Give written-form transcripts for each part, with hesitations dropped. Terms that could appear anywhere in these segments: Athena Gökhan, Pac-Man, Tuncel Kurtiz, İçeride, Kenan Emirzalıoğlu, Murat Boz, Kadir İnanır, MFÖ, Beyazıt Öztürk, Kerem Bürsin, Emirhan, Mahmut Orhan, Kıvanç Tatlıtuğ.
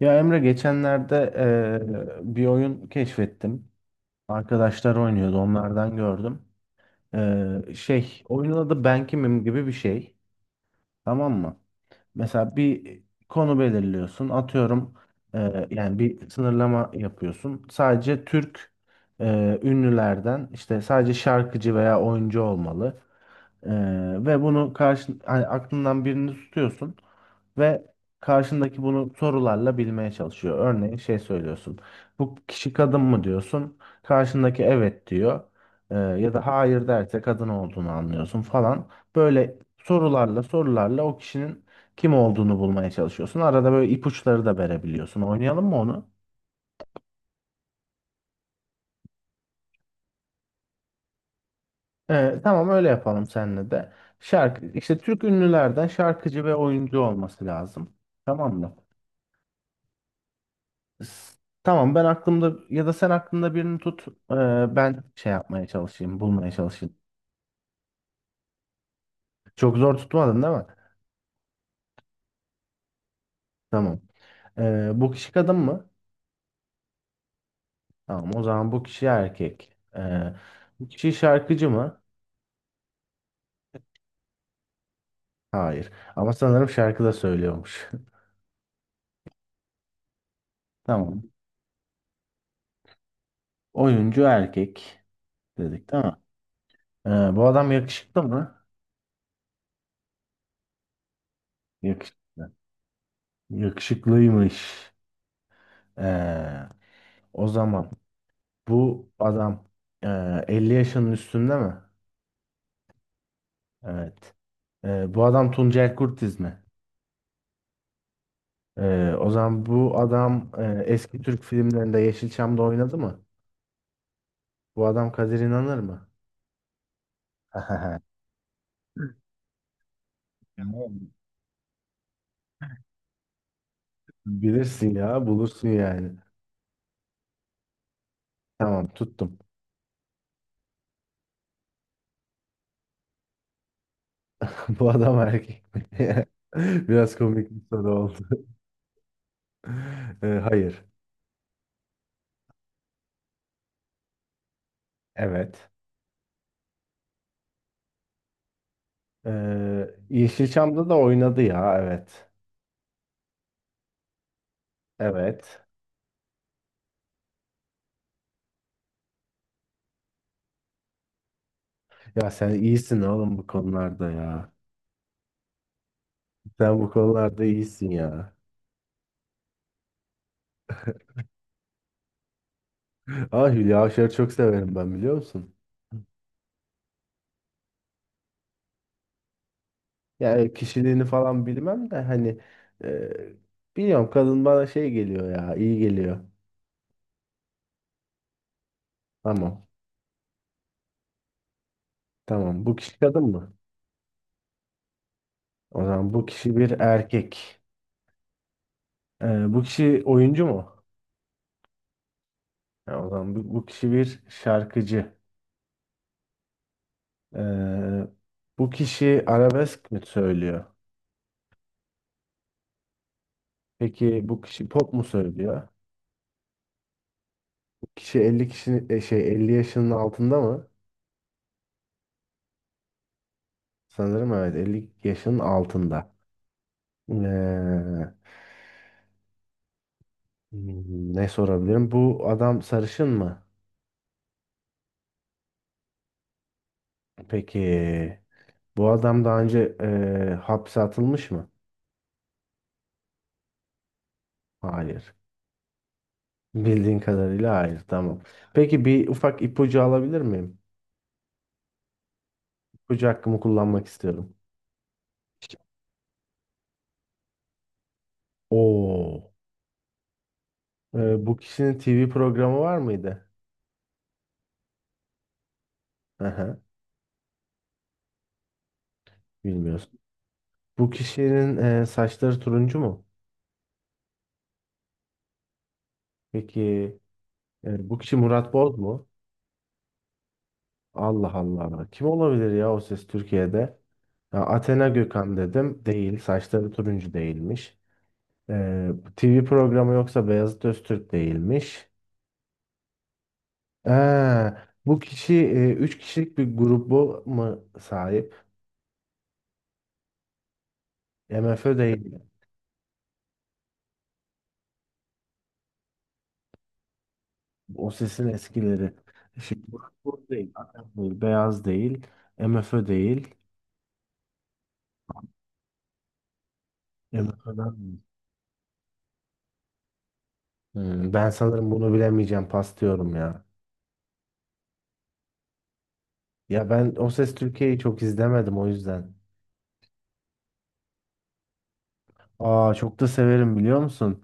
Ya Emre geçenlerde bir oyun keşfettim. Arkadaşlar oynuyordu, onlardan gördüm. Oyunun adı Ben Kimim gibi bir şey. Tamam mı? Mesela bir konu belirliyorsun. Atıyorum yani bir sınırlama yapıyorsun. Sadece Türk ünlülerden işte sadece şarkıcı veya oyuncu olmalı. Eee, Ve bunu karşı hani aklından birini tutuyorsun ve karşındaki bunu sorularla bilmeye çalışıyor. Örneğin şey söylüyorsun. Bu kişi kadın mı diyorsun? Karşındaki evet diyor. Ya da hayır derse kadın olduğunu anlıyorsun falan. Böyle sorularla o kişinin kim olduğunu bulmaya çalışıyorsun. Arada böyle ipuçları da verebiliyorsun. Oynayalım mı onu? Tamam, öyle yapalım seninle de. Şarkı işte Türk ünlülerden şarkıcı ve oyuncu olması lazım. Tamam mı? S- Tamam, ben aklımda ya da sen aklında birini tut. Ben şey yapmaya çalışayım, bulmaya çalışayım. Çok zor tutmadın değil mi? Tamam. Bu kişi kadın mı? Tamam, o zaman bu kişi erkek. Ee, Bu kişi şarkıcı mı? Hayır. Ama sanırım şarkı da söylüyormuş. Tamam. Oyuncu erkek dedik değil mi? Ee, Bu adam yakışıklı mı? Yakışıklı. Yakışıklıymış. Ee, O zaman bu adam 50 yaşının üstünde mi? Evet. Bu adam Tuncel Kurtiz mi? O zaman bu adam eski Türk filmlerinde Yeşilçam'da oynadı mı? Bu adam Kadir İnanır mı? Tamam. Bilirsin ya, bulursun yani. Tamam, tuttum. Bu adam erkek mi? Biraz komik bir soru oldu. Hayır. Evet. Yeşilçam'da da oynadı ya, evet. Evet. Ya sen iyisin oğlum bu konularda ya. Sen bu konularda iyisin ya. Ah, Hülya Avşar'ı çok severim ben, biliyor musun? Yani kişiliğini falan bilmem de hani e, biliyorum, kadın bana şey geliyor ya, iyi geliyor. Tamam, tamam, bu kişi kadın mı? O zaman bu kişi bir erkek. Bu kişi oyuncu mu? Ya o zaman bu kişi bir şarkıcı. E, Bu kişi arabesk mi söylüyor? Peki bu kişi pop mu söylüyor? Bu kişi 50 kişinin e, şey 50 yaşının altında mı? Sanırım evet, 50 yaşının altında. Ee, Ne sorabilirim? Bu adam sarışın mı? Peki. Bu adam daha önce hapse atılmış mı? Hayır. Bildiğin kadarıyla hayır. Tamam. Peki bir ufak ipucu alabilir miyim? İpucu hakkımı kullanmak istiyorum. Oo. Bu kişinin TV programı var mıydı? Aha, bilmiyorsun. Bu kişinin saçları turuncu mu? Peki. Bu kişi Murat Boz mu? Allah Allah. Kim olabilir ya, o ses Türkiye'de? Ya Athena Gökhan dedim. Değil. Saçları turuncu değilmiş. TV programı yoksa Beyazıt Öztürk değilmiş. Ee, Bu kişi 3 kişilik bir grubu mu sahip? MFÖ değil. O sesin eskileri. Şimdi Burak Boz değil. Athena değil. Beyaz değil. MFÖ değil. MFÖ'den değil. Ben sanırım bunu bilemeyeceğim. Pas diyorum ya. Ya ben O Ses Türkiye'yi çok izlemedim, o yüzden. Aa, çok da severim, biliyor musun?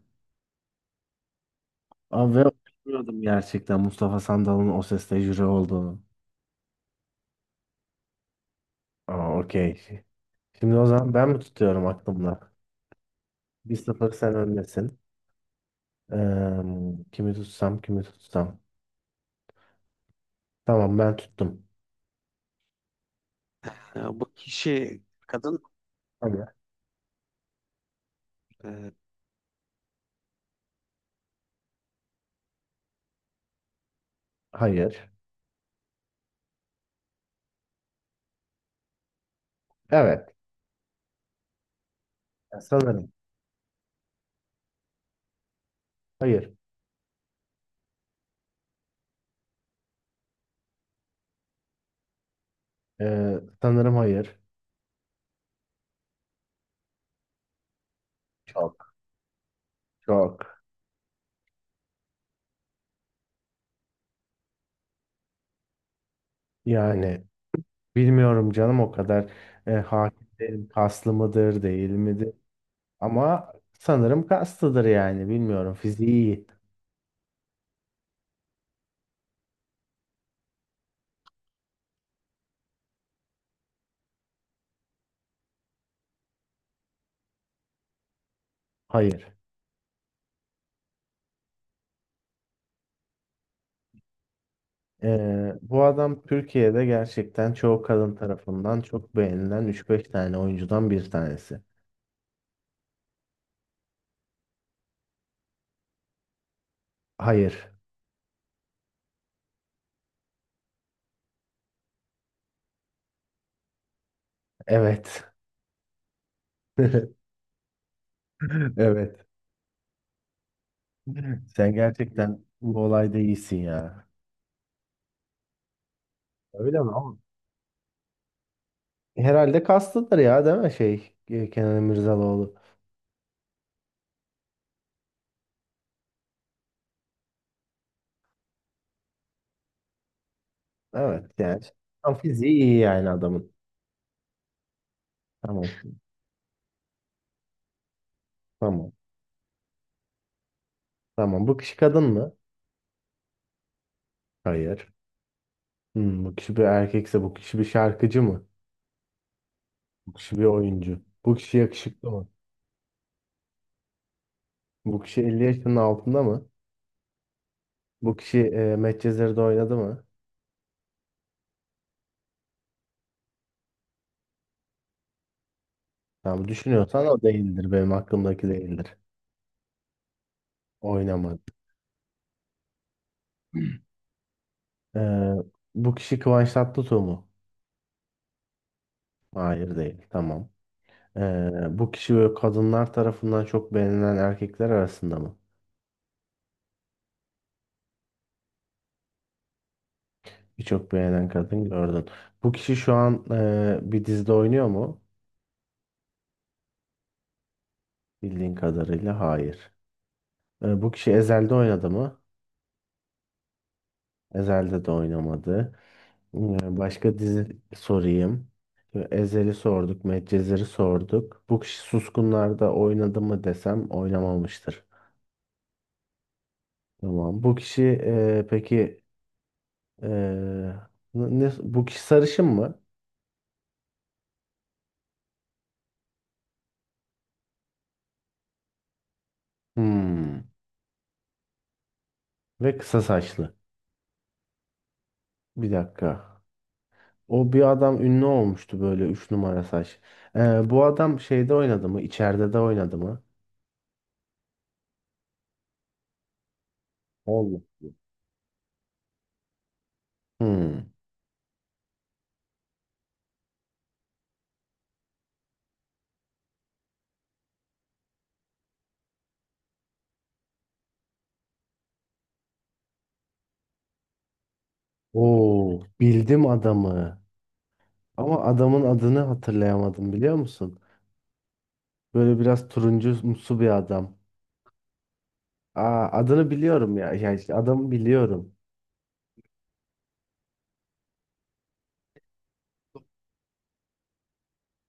Abi ve bilmiyordum gerçekten Mustafa Sandal'ın o seste jüri olduğunu. Aa, okey. Şimdi o zaman ben mi tutuyorum aklımda? Bir 0 sen öndesin. Eee, Kimi tutsam, kimi tutsam. Tamam, ben tuttum. Ya, bu kişi kadın. Hayır. Ee, Hayır. Evet. Ya sanırım. Hayır. Sanırım hayır. Çok. Çok. Yani bilmiyorum canım o kadar. Hakim değilim. Kaslı mıdır değil midir? Ama sanırım kastıdır yani, bilmiyorum, fiziği iyi. Hayır. Bu adam Türkiye'de gerçekten çoğu kadın tarafından çok beğenilen üç beş tane oyuncudan bir tanesi. Hayır. Evet. Evet. Sen gerçekten bu olayda iyisin ya. Öyle mi? Ama herhalde kastıdır ya, değil mi Kenan Emirzalıoğlu. Evet yani, tam fiziği iyi yani adamın. Tamam. Tamam. Tamam. Bu kişi kadın mı? Hayır. Bu kişi bir erkekse bu kişi bir şarkıcı mı? Bu kişi bir oyuncu. Bu kişi yakışıklı mı? Bu kişi 50 yaşının altında mı? Bu kişi Medcezir'de oynadı mı? Tamam, düşünüyorsan o değildir. Benim aklımdaki değildir. Oynamadı. Ee, Bu kişi Kıvanç Tatlıtuğ mu? Hayır değil. Tamam. Bu kişi böyle kadınlar tarafından çok beğenilen erkekler arasında mı? Birçok beğenen kadın gördün. Bu kişi şu an bir dizide oynuyor mu? Bildiğin kadarıyla hayır. Bu kişi Ezel'de oynadı mı? Ezel'de de oynamadı. Başka dizi sorayım. Ezel'i sorduk, Medcezir'i sorduk. Bu kişi Suskunlar'da oynadı mı desem oynamamıştır. Tamam. Bu kişi e, peki e, ne, Bu kişi sarışın mı? Hmm. Ve kısa saçlı. Bir dakika. O bir adam ünlü olmuştu böyle 3 numara saç. Bu adam şeyde oynadı mı? İçeride de oynadı mı? Oldu. Hmm. Oo, bildim adamı. Ama adamın adını hatırlayamadım, biliyor musun? Böyle biraz turuncumsu bir adam. Aa, adını biliyorum ya. Ya işte adamı biliyorum.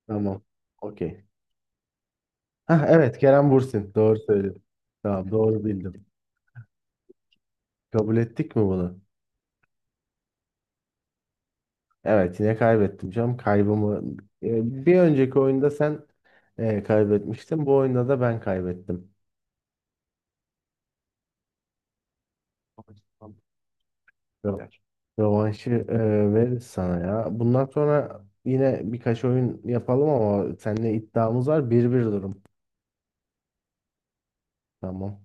Tamam. Okey. Hah, evet, Kerem Bürsin. Doğru söyledin. Tamam, doğru bildim. Kabul ettik mi bunu? Evet, yine kaybettim canım. Kaybımı bir önceki oyunda sen kaybetmiştin. Bu oyunda da ben kaybettim. Rö- Rövanşı veririz sana ya. Bundan sonra yine birkaç oyun yapalım ama seninle iddiamız var. 1-1 durum. Tamam.